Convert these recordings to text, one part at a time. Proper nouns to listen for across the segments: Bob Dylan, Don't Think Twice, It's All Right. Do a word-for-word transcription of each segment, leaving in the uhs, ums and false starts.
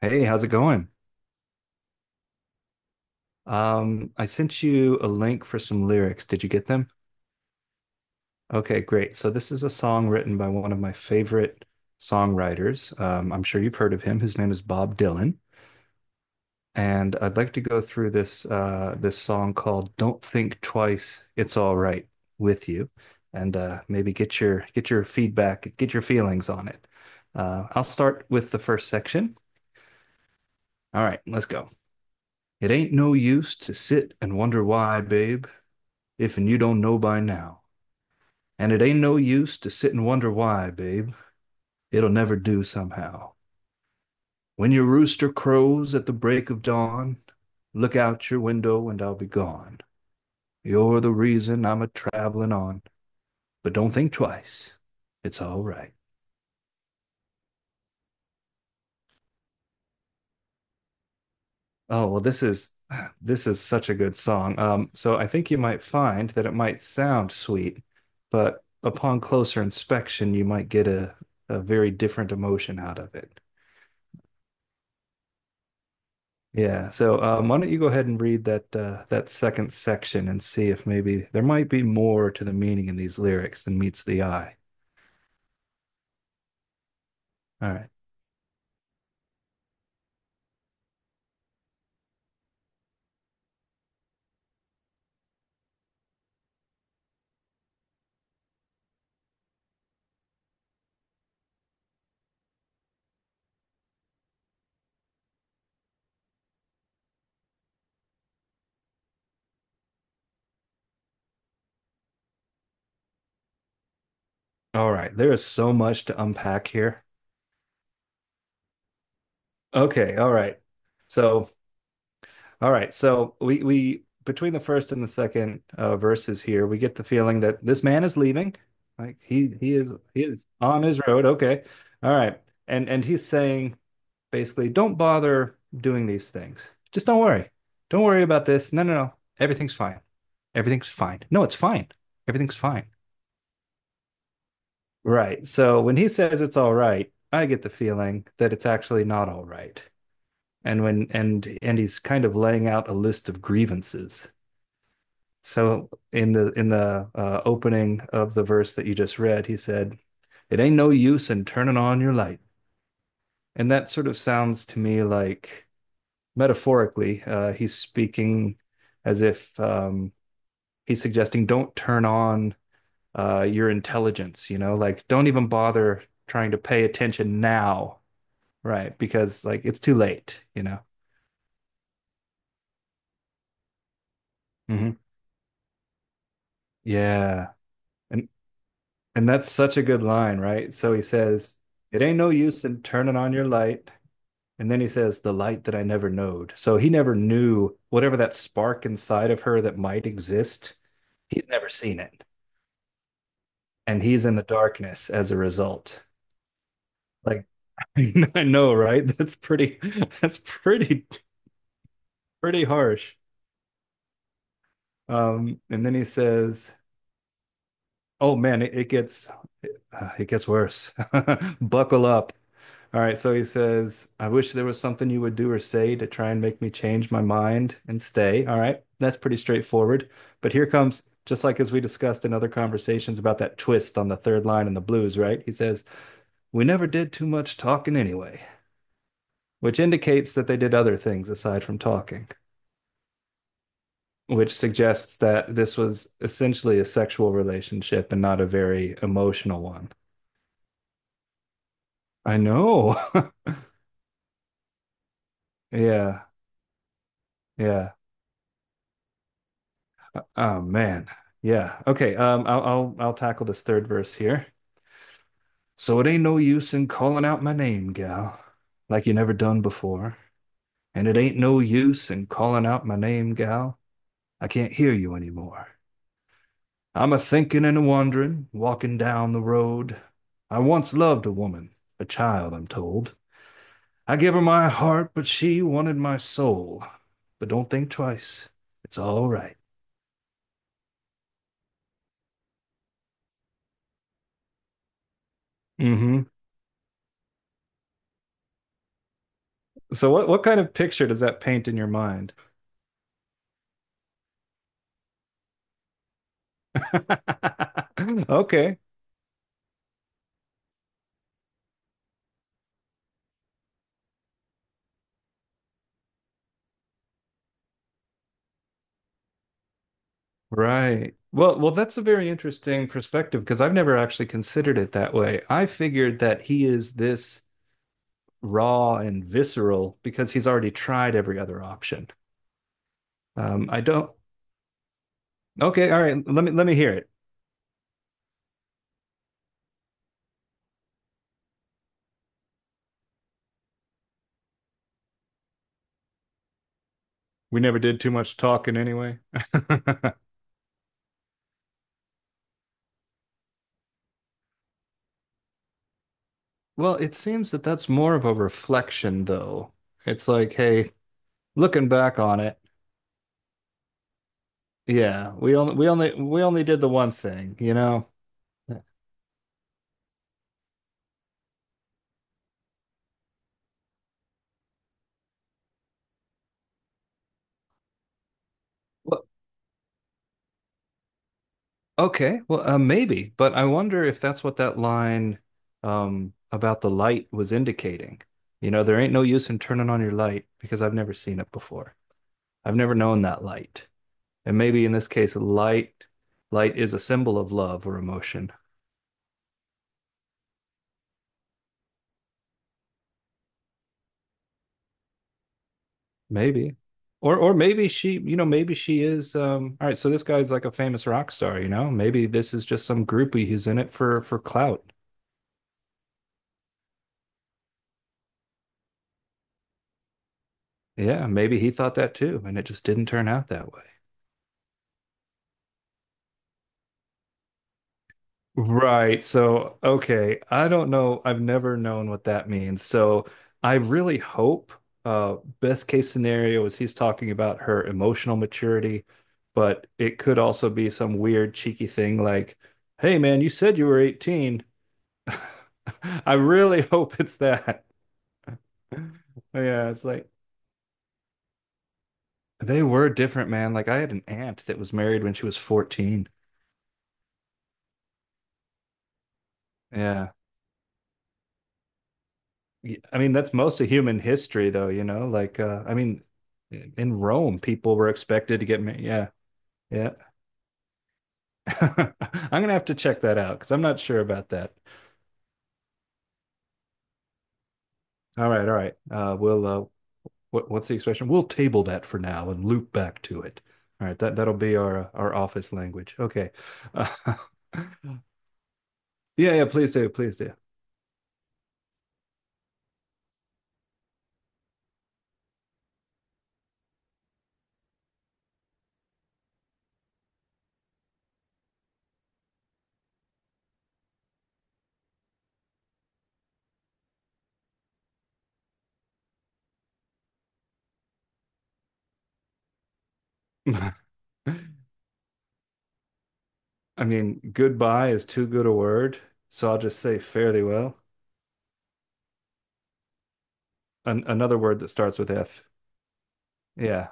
Hey, how's it going? Um, I sent you a link for some lyrics. Did you get them? Okay, great. So this is a song written by one of my favorite songwriters. Um, I'm sure you've heard of him. His name is Bob Dylan, and I'd like to go through this uh, this song called "Don't Think Twice, It's All Right" with you, and uh, maybe get your get your feedback, get your feelings on it. Uh, I'll start with the first section. All right, let's go. It ain't no use to sit and wonder why, babe. If and you don't know by now. And it ain't no use to sit and wonder why, babe. It'll never do somehow. When your rooster crows at the break of dawn, look out your window and I'll be gone. You're the reason I'm a traveling on, but don't think twice. It's all right. Oh, well, this is this is such a good song. Um, so I think you might find that it might sound sweet, but upon closer inspection, you might get a, a very different emotion out of it. Yeah. So, um, why don't you go ahead and read that uh, that second section and see if maybe there might be more to the meaning in these lyrics than meets the eye. All right. All right. There is so much to unpack here. Okay. All right. So, all right. So we we between the first and the second uh, verses here, we get the feeling that this man is leaving. Like he he is he is on his road. Okay. All right. And and he's saying basically don't bother doing these things. Just don't worry. Don't worry about this. No, no, no. Everything's fine. Everything's fine. No, it's fine. Everything's fine. Right. So when he says it's all right, I get the feeling that it's actually not all right. And when and and he's kind of laying out a list of grievances. So in the in the uh, opening of the verse that you just read, he said, "It ain't no use in turning on your light." And that sort of sounds to me like metaphorically. Uh, he's speaking as if um, he's suggesting don't turn on uh, your intelligence, you know, like don't even bother trying to pay attention now, right? Because like it's too late, you know. Mm-hmm. Yeah. And and that's such a good line, right? So he says, "It ain't no use in turning on your light." And then he says, "The light that I never knowed." So he never knew whatever that spark inside of her that might exist. He's never seen it. And he's in the darkness as a result. Like I know, right? That's pretty that's pretty pretty harsh. Um and then he says, "Oh man, it, it gets uh, it gets worse. Buckle up." All right, so he says, "I wish there was something you would do or say to try and make me change my mind and stay." All right. That's pretty straightforward. But here comes just like as we discussed in other conversations about that twist on the third line in the blues, right? He says, "We never did too much talking anyway." which indicates that they did other things aside from talking, which suggests that this was essentially a sexual relationship and not a very emotional one. I know. Yeah. Yeah. Oh man. Yeah. Okay. Um. I'll I'll I'll tackle this third verse here. So it ain't no use in calling out my name, gal, like you never done before. And it ain't no use in calling out my name, gal. I can't hear you anymore. I'm a thinking and a wandering, walking down the road. I once loved a woman, a child, I'm told. I gave her my heart, but she wanted my soul. But don't think twice. It's all right. Mm-hmm. So what what kind of picture does that paint in your mind? Okay. Right. Well, well, that's a very interesting perspective because I've never actually considered it that way. I figured that he is this raw and visceral because he's already tried every other option. Um, I don't Okay, all right. Let me let me hear it. We never did too much talking anyway. Well, it seems that that's more of a reflection though. It's like, hey, looking back on it, yeah, we only we only we only did the one thing, you know. Well, okay. Well, uh, maybe, but I wonder if that's what that line um about the light was indicating. You know, there ain't no use in turning on your light because I've never seen it before. I've never known that light. And maybe in this case, light light is a symbol of love or emotion. Maybe. Or or maybe she, you know, maybe she is um all right, so this guy's like a famous rock star, you know? Maybe this is just some groupie who's in it for for clout. Yeah, maybe he thought that too, and it just didn't turn out that way. Right. So, okay. I don't know. I've never known what that means. So, I really hope uh best case scenario is he's talking about her emotional maturity, but it could also be some weird cheeky thing like, "Hey man, you said you were eighteen." I really hope it's that. Yeah, it's like they were different, man. Like I had an aunt that was married when she was fourteen. Yeah. I mean, that's most of human history, though, you know, like, uh, I mean, in Rome, people were expected to get married. Yeah, yeah. I'm gonna have to check that out because I'm not sure about that. All right, all right. Uh, we'll, uh, what, what's the expression? We'll table that for now and loop back to it. All right, that, that'll be our, uh, our office language. Okay. Uh, yeah, yeah, please do, please do. I mean, goodbye is too good a word, so I'll just say fairly well. An another word that starts with F. Yeah.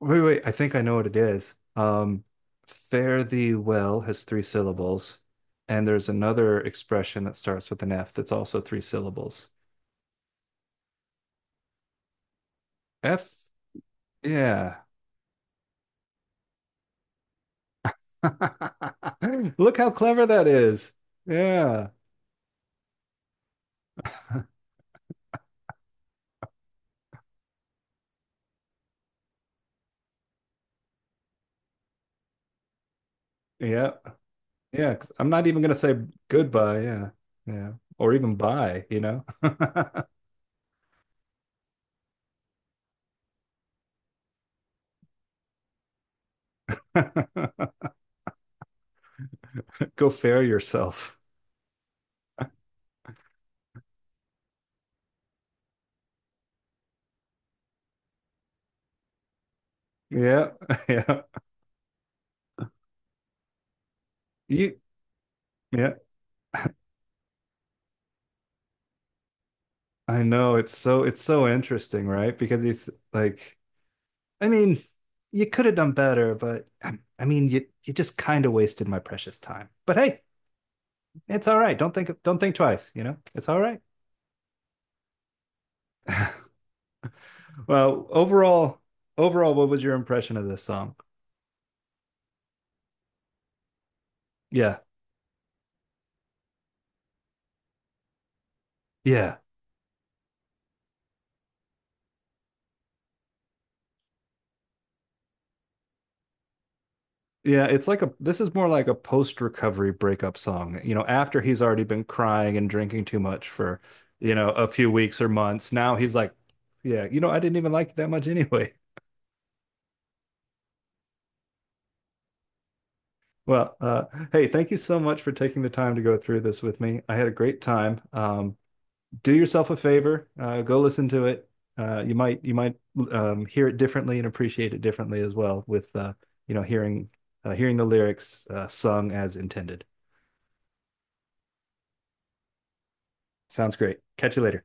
Wait, wait, I think I know what it is. Um, fare thee well has three syllables, and there's another expression that starts with an F that's also three syllables. F, yeah. Look how clever that is. Yeah. Yeah. Yeah. 'Cause I'm not even gonna say goodbye, yeah. Yeah. Or even bye, you know? Go fare yourself. Yeah. Yeah. You, yeah. I know it's so it's so interesting, right? Because he's like, I mean, you could have done better, but I, I mean, you you just kind of wasted my precious time. But hey, it's all right. Don't think don't think twice, you know? It's all right. Well, overall, overall, what was your impression of this song? Yeah. Yeah. Yeah, it's like a this is more like a post-recovery breakup song. You know, after he's already been crying and drinking too much for, you know, a few weeks or months. Now he's like, yeah, you know, I didn't even like you that much anyway. Well, uh, hey, thank you so much for taking the time to go through this with me. I had a great time. Um, do yourself a favor, uh, go listen to it. Uh, you might you might um, hear it differently and appreciate it differently as well with uh, you know hearing uh, hearing the lyrics uh, sung as intended. Sounds great. Catch you later.